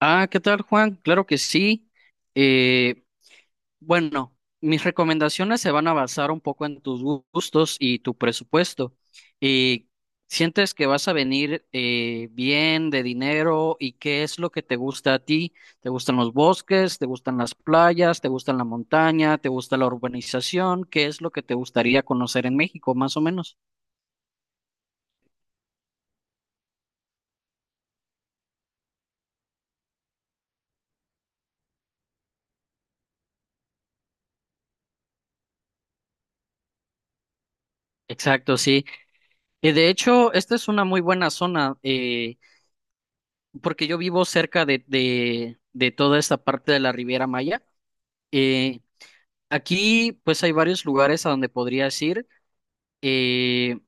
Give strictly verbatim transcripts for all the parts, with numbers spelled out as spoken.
Ah, ¿qué tal, Juan? Claro que sí. Eh, bueno, mis recomendaciones se van a basar un poco en tus gu- gustos y tu presupuesto. Eh, ¿Sientes que vas a venir eh, bien de dinero y qué es lo que te gusta a ti? ¿Te gustan los bosques? ¿Te gustan las playas? ¿Te gustan la montaña? ¿Te gusta la urbanización? ¿Qué es lo que te gustaría conocer en México, más o menos? Exacto, sí. Y de hecho, esta es una muy buena zona. porque yo vivo cerca de, de, de toda esta parte de la Riviera Maya. Eh, Aquí, pues, hay varios lugares a donde podrías ir. Eh,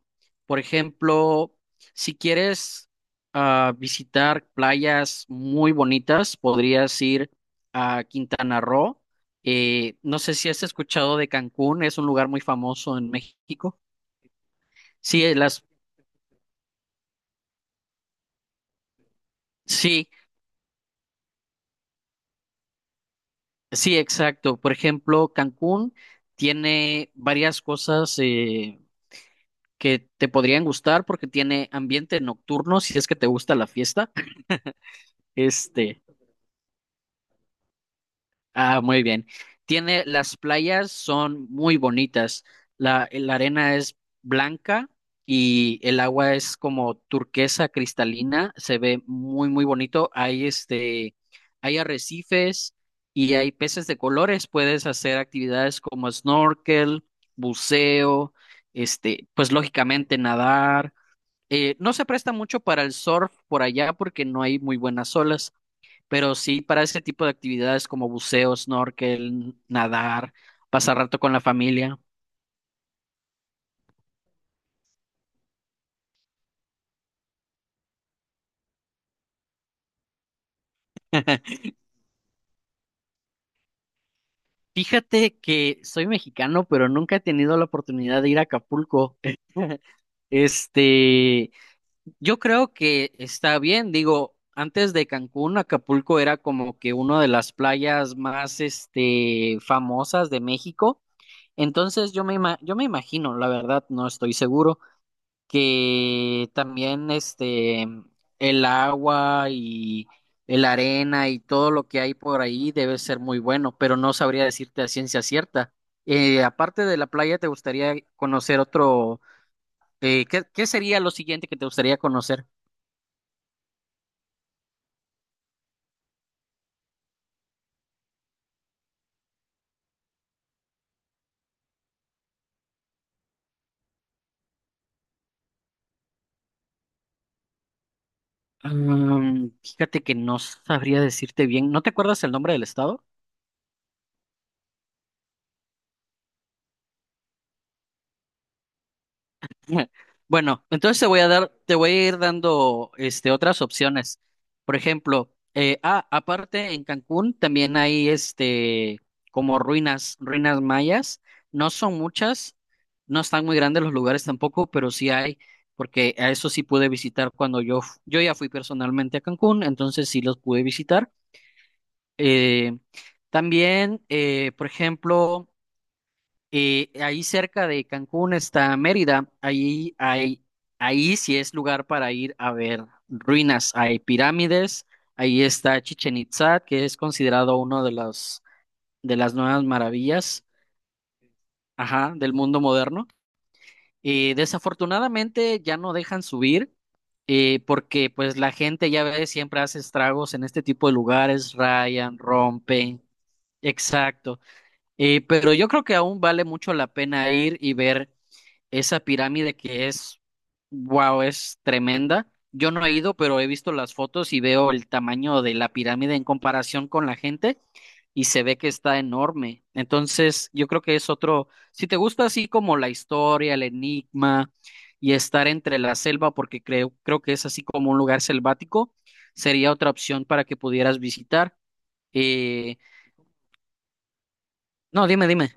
por ejemplo, si quieres ah, visitar playas muy bonitas, podrías ir a Quintana Roo. Eh, no sé si has escuchado de Cancún, es un lugar muy famoso en México. Sí, eh, las, sí, sí, exacto. Por ejemplo, Cancún tiene varias cosas. eh, que te podrían gustar porque tiene ambiente nocturno, si es que te gusta la fiesta. Este, ah, Muy bien. Tiene, las playas son muy bonitas. La, la arena es blanca y el agua es como turquesa cristalina. Se ve muy, muy bonito. Hay este, hay arrecifes y hay peces de colores. Puedes hacer actividades como snorkel, buceo, este, pues lógicamente nadar. Eh, no se presta mucho para el surf por allá porque no hay muy buenas olas, pero sí para ese tipo de actividades como buceo, snorkel, nadar, pasar rato con la familia. Fíjate que soy mexicano, pero nunca he tenido la oportunidad de ir a Acapulco. Este, yo creo que está bien, digo, antes de Cancún, Acapulco era como que una de las playas más, este, famosas de México. Entonces yo me, ima- yo me imagino, la verdad, no estoy seguro que también este el agua y el arena y todo lo que hay por ahí debe ser muy bueno, pero no sabría decirte a ciencia cierta. Eh, aparte de la playa, ¿te gustaría conocer otro? eh, ¿qué, qué sería lo siguiente que te gustaría conocer? Mm, fíjate que no sabría decirte bien. ¿No te acuerdas el nombre del estado? Bueno, entonces te voy a dar, te voy a ir dando este, otras opciones. Por ejemplo, eh, ah, aparte en Cancún también hay este como ruinas, ruinas mayas. No son muchas, no están muy grandes los lugares tampoco, pero sí hay, porque a eso sí pude visitar cuando yo, fu- yo ya fui personalmente a Cancún, entonces sí los pude visitar. Eh, También, eh, por ejemplo. Eh, ahí cerca de Cancún está Mérida. Ahí, hay, ahí sí es lugar para ir a ver ruinas. Hay pirámides. Ahí está Chichen Itzá, que es considerado uno de los de las nuevas maravillas, ajá, del mundo moderno. Eh, desafortunadamente ya no dejan subir eh, porque pues la gente ya ve siempre hace estragos en este tipo de lugares, rayan, rompen. Exacto. Eh, pero yo creo que aún vale mucho la pena ir y ver esa pirámide que es, wow, es tremenda. Yo no he ido, pero he visto las fotos y veo el tamaño de la pirámide en comparación con la gente y se ve que está enorme. Entonces, yo creo que es otro, si te gusta así como la historia, el enigma y estar entre la selva, porque creo, creo que es así como un lugar selvático, sería otra opción para que pudieras visitar. Eh, no, dime, dime.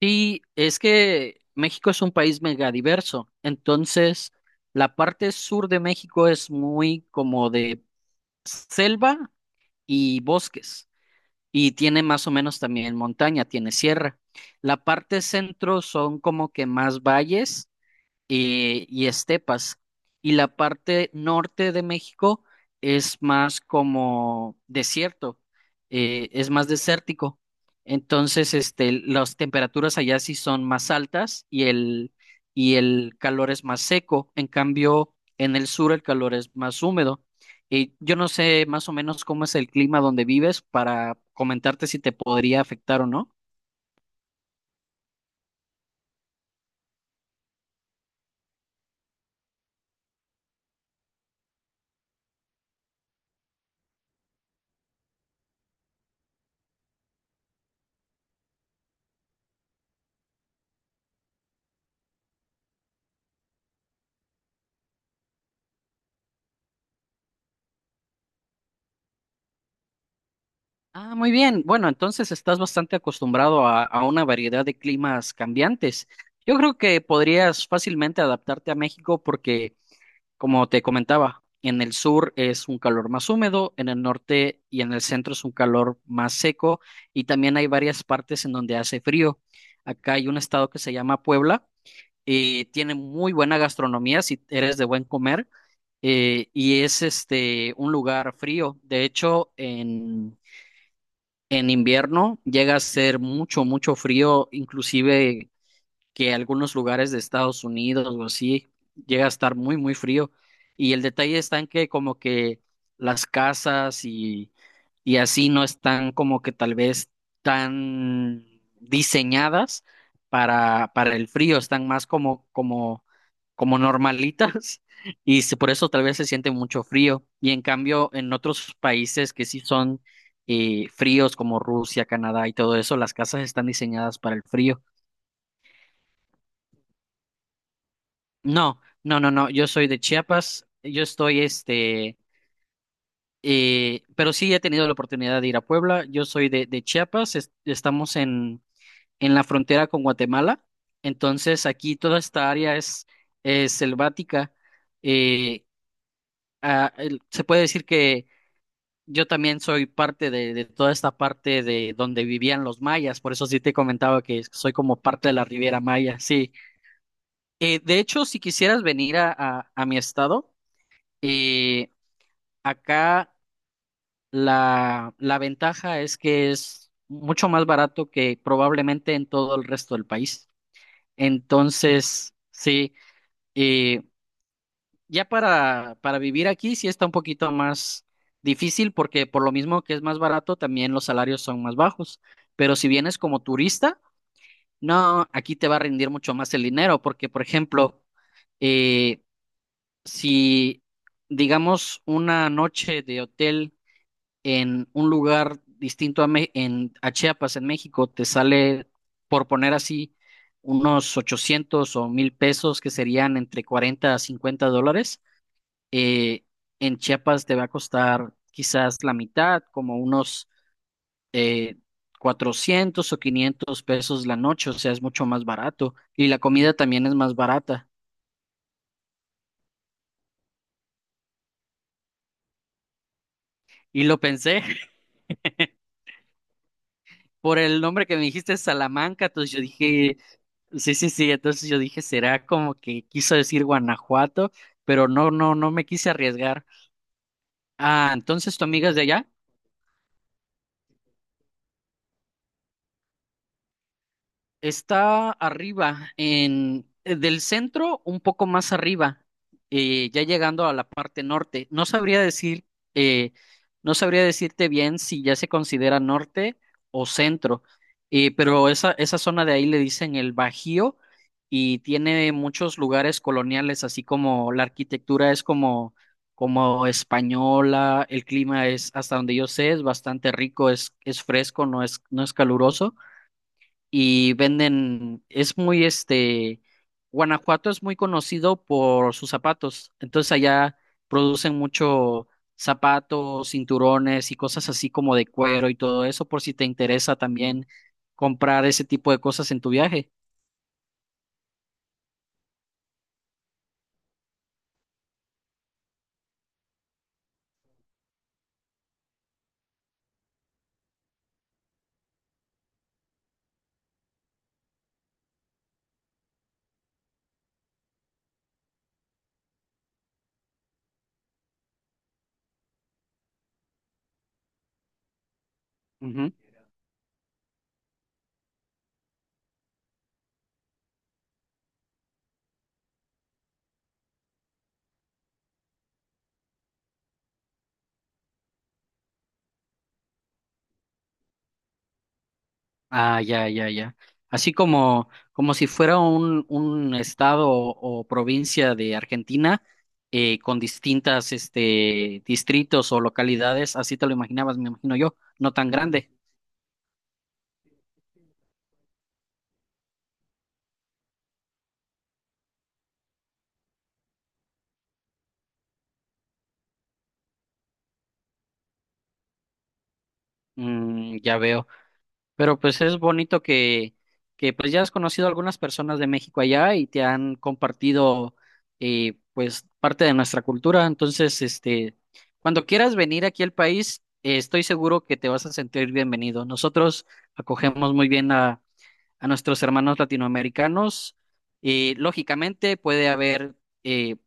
Sí, es que México es un país megadiverso, entonces la parte sur de México es muy como de selva y bosques, y tiene más o menos también montaña, tiene sierra. La parte centro son como que más valles eh, y estepas. Y la parte norte de México es más como desierto, eh, es más desértico. Entonces, este, las temperaturas allá sí son más altas y el, y el calor es más seco. En cambio, en el sur el calor es más húmedo. Y yo no sé más o menos cómo es el clima donde vives para comentarte si te podría afectar o no. Ah, muy bien. Bueno, entonces estás bastante acostumbrado a, a una variedad de climas cambiantes. Yo creo que podrías fácilmente adaptarte a México porque, como te comentaba, en el sur es un calor más húmedo, en el norte y en el centro es un calor más seco y también hay varias partes en donde hace frío. Acá hay un estado que se llama Puebla y tiene muy buena gastronomía si eres de buen comer, eh, y es este un lugar frío. De hecho, en en invierno llega a ser mucho, mucho frío, inclusive que algunos lugares de Estados Unidos o así llega a estar muy, muy frío. Y el detalle está en que como que las casas y, y así no están como que tal vez tan diseñadas para, para el frío, están más como, como, como normalitas y se- por eso tal vez se siente mucho frío. Y en cambio, en otros países que sí son eh, fríos como Rusia, Canadá y todo eso, las casas están diseñadas para el frío. No, no, no, no. Yo soy de Chiapas. Yo estoy, este, eh, pero sí he tenido la oportunidad de ir a Puebla. Yo soy de, de Chiapas. Es- estamos en, en, la frontera con Guatemala. Entonces, aquí toda esta área es, es selvática. Eh, ah, el- Se puede decir que yo también soy parte de, de toda esta parte de donde vivían los mayas. Por eso sí te comentaba que soy como parte de la Riviera Maya. Sí. Eh, de hecho, si quisieras venir a, a, a mi estado. eh, Acá la, la ventaja es que es mucho más barato que probablemente en todo el resto del país. Entonces, sí, eh, ya para, para vivir aquí sí está un poquito más difícil porque por lo mismo que es más barato, también los salarios son más bajos. Pero si vienes como turista, no, aquí te va a rendir mucho más el dinero porque, por ejemplo, eh, si digamos una noche de hotel en un lugar distinto a, Me- en, a Chiapas, en México, te sale, por poner así, unos ochocientos o mil pesos, que serían entre cuarenta a cincuenta dólares. Eh, en Chiapas te va a costar quizás la mitad, como unos eh, cuatrocientos o quinientos pesos la noche, o sea, es mucho más barato. Y la comida también es más barata. Y lo pensé por el nombre que me dijiste, Salamanca, entonces yo dije. Sí, sí, sí, entonces yo dije, será como que quiso decir Guanajuato, pero no, no, no me quise arriesgar. Ah, entonces tu amiga es de allá. Está arriba, en eh, del centro, un poco más arriba, eh, ya llegando a la parte norte. No sabría decir, eh, no sabría decirte bien si ya se considera norte o centro, eh, pero esa, esa zona de ahí le dicen el Bajío y tiene muchos lugares coloniales, así como la arquitectura es como, como española, el clima es, hasta donde yo sé, es bastante rico, es, es fresco, no es, no es caluroso y venden, es muy este, Guanajuato es muy conocido por sus zapatos, entonces allá producen mucho zapatos, cinturones y cosas así como de cuero y todo eso, por si te interesa también comprar ese tipo de cosas en tu viaje. Ah, ya, ya, ya. Así como, como si fuera un, un estado o, o provincia de Argentina, eh, con distintas este, distritos o localidades, así te lo imaginabas, me imagino yo, no tan grande. Mm, ya veo. Pero pues es bonito que, que pues ya has conocido a algunas personas de México allá y te han compartido, eh, pues parte de nuestra cultura. Entonces, este, cuando quieras venir aquí al país, eh, estoy seguro que te vas a sentir bienvenido. Nosotros acogemos muy bien a, a nuestros hermanos latinoamericanos. Eh, lógicamente puede haber eh,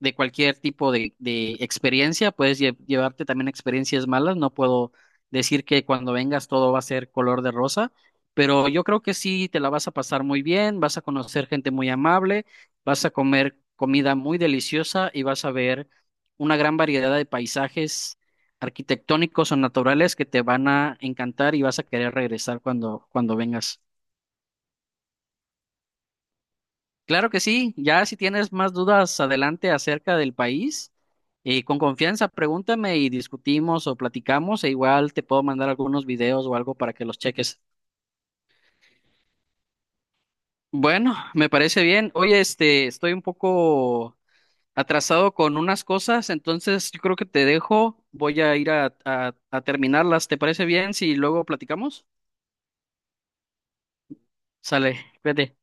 de cualquier tipo de, de experiencia, puedes lle- llevarte también experiencias malas, no puedo decir que cuando vengas todo va a ser color de rosa, pero yo creo que sí te la vas a pasar muy bien, vas a conocer gente muy amable, vas a comer comida muy deliciosa y vas a ver una gran variedad de paisajes arquitectónicos o naturales que te van a encantar y vas a querer regresar cuando, cuando vengas. Claro que sí, ya si tienes más dudas adelante acerca del país, eh, con confianza pregúntame y discutimos o platicamos e igual te puedo mandar algunos videos o algo para que los cheques. Bueno, me parece bien. Oye, este, estoy un poco atrasado con unas cosas, entonces yo creo que te dejo. Voy a ir a, a, a terminarlas. ¿Te parece bien si luego platicamos? Sale, cuídate.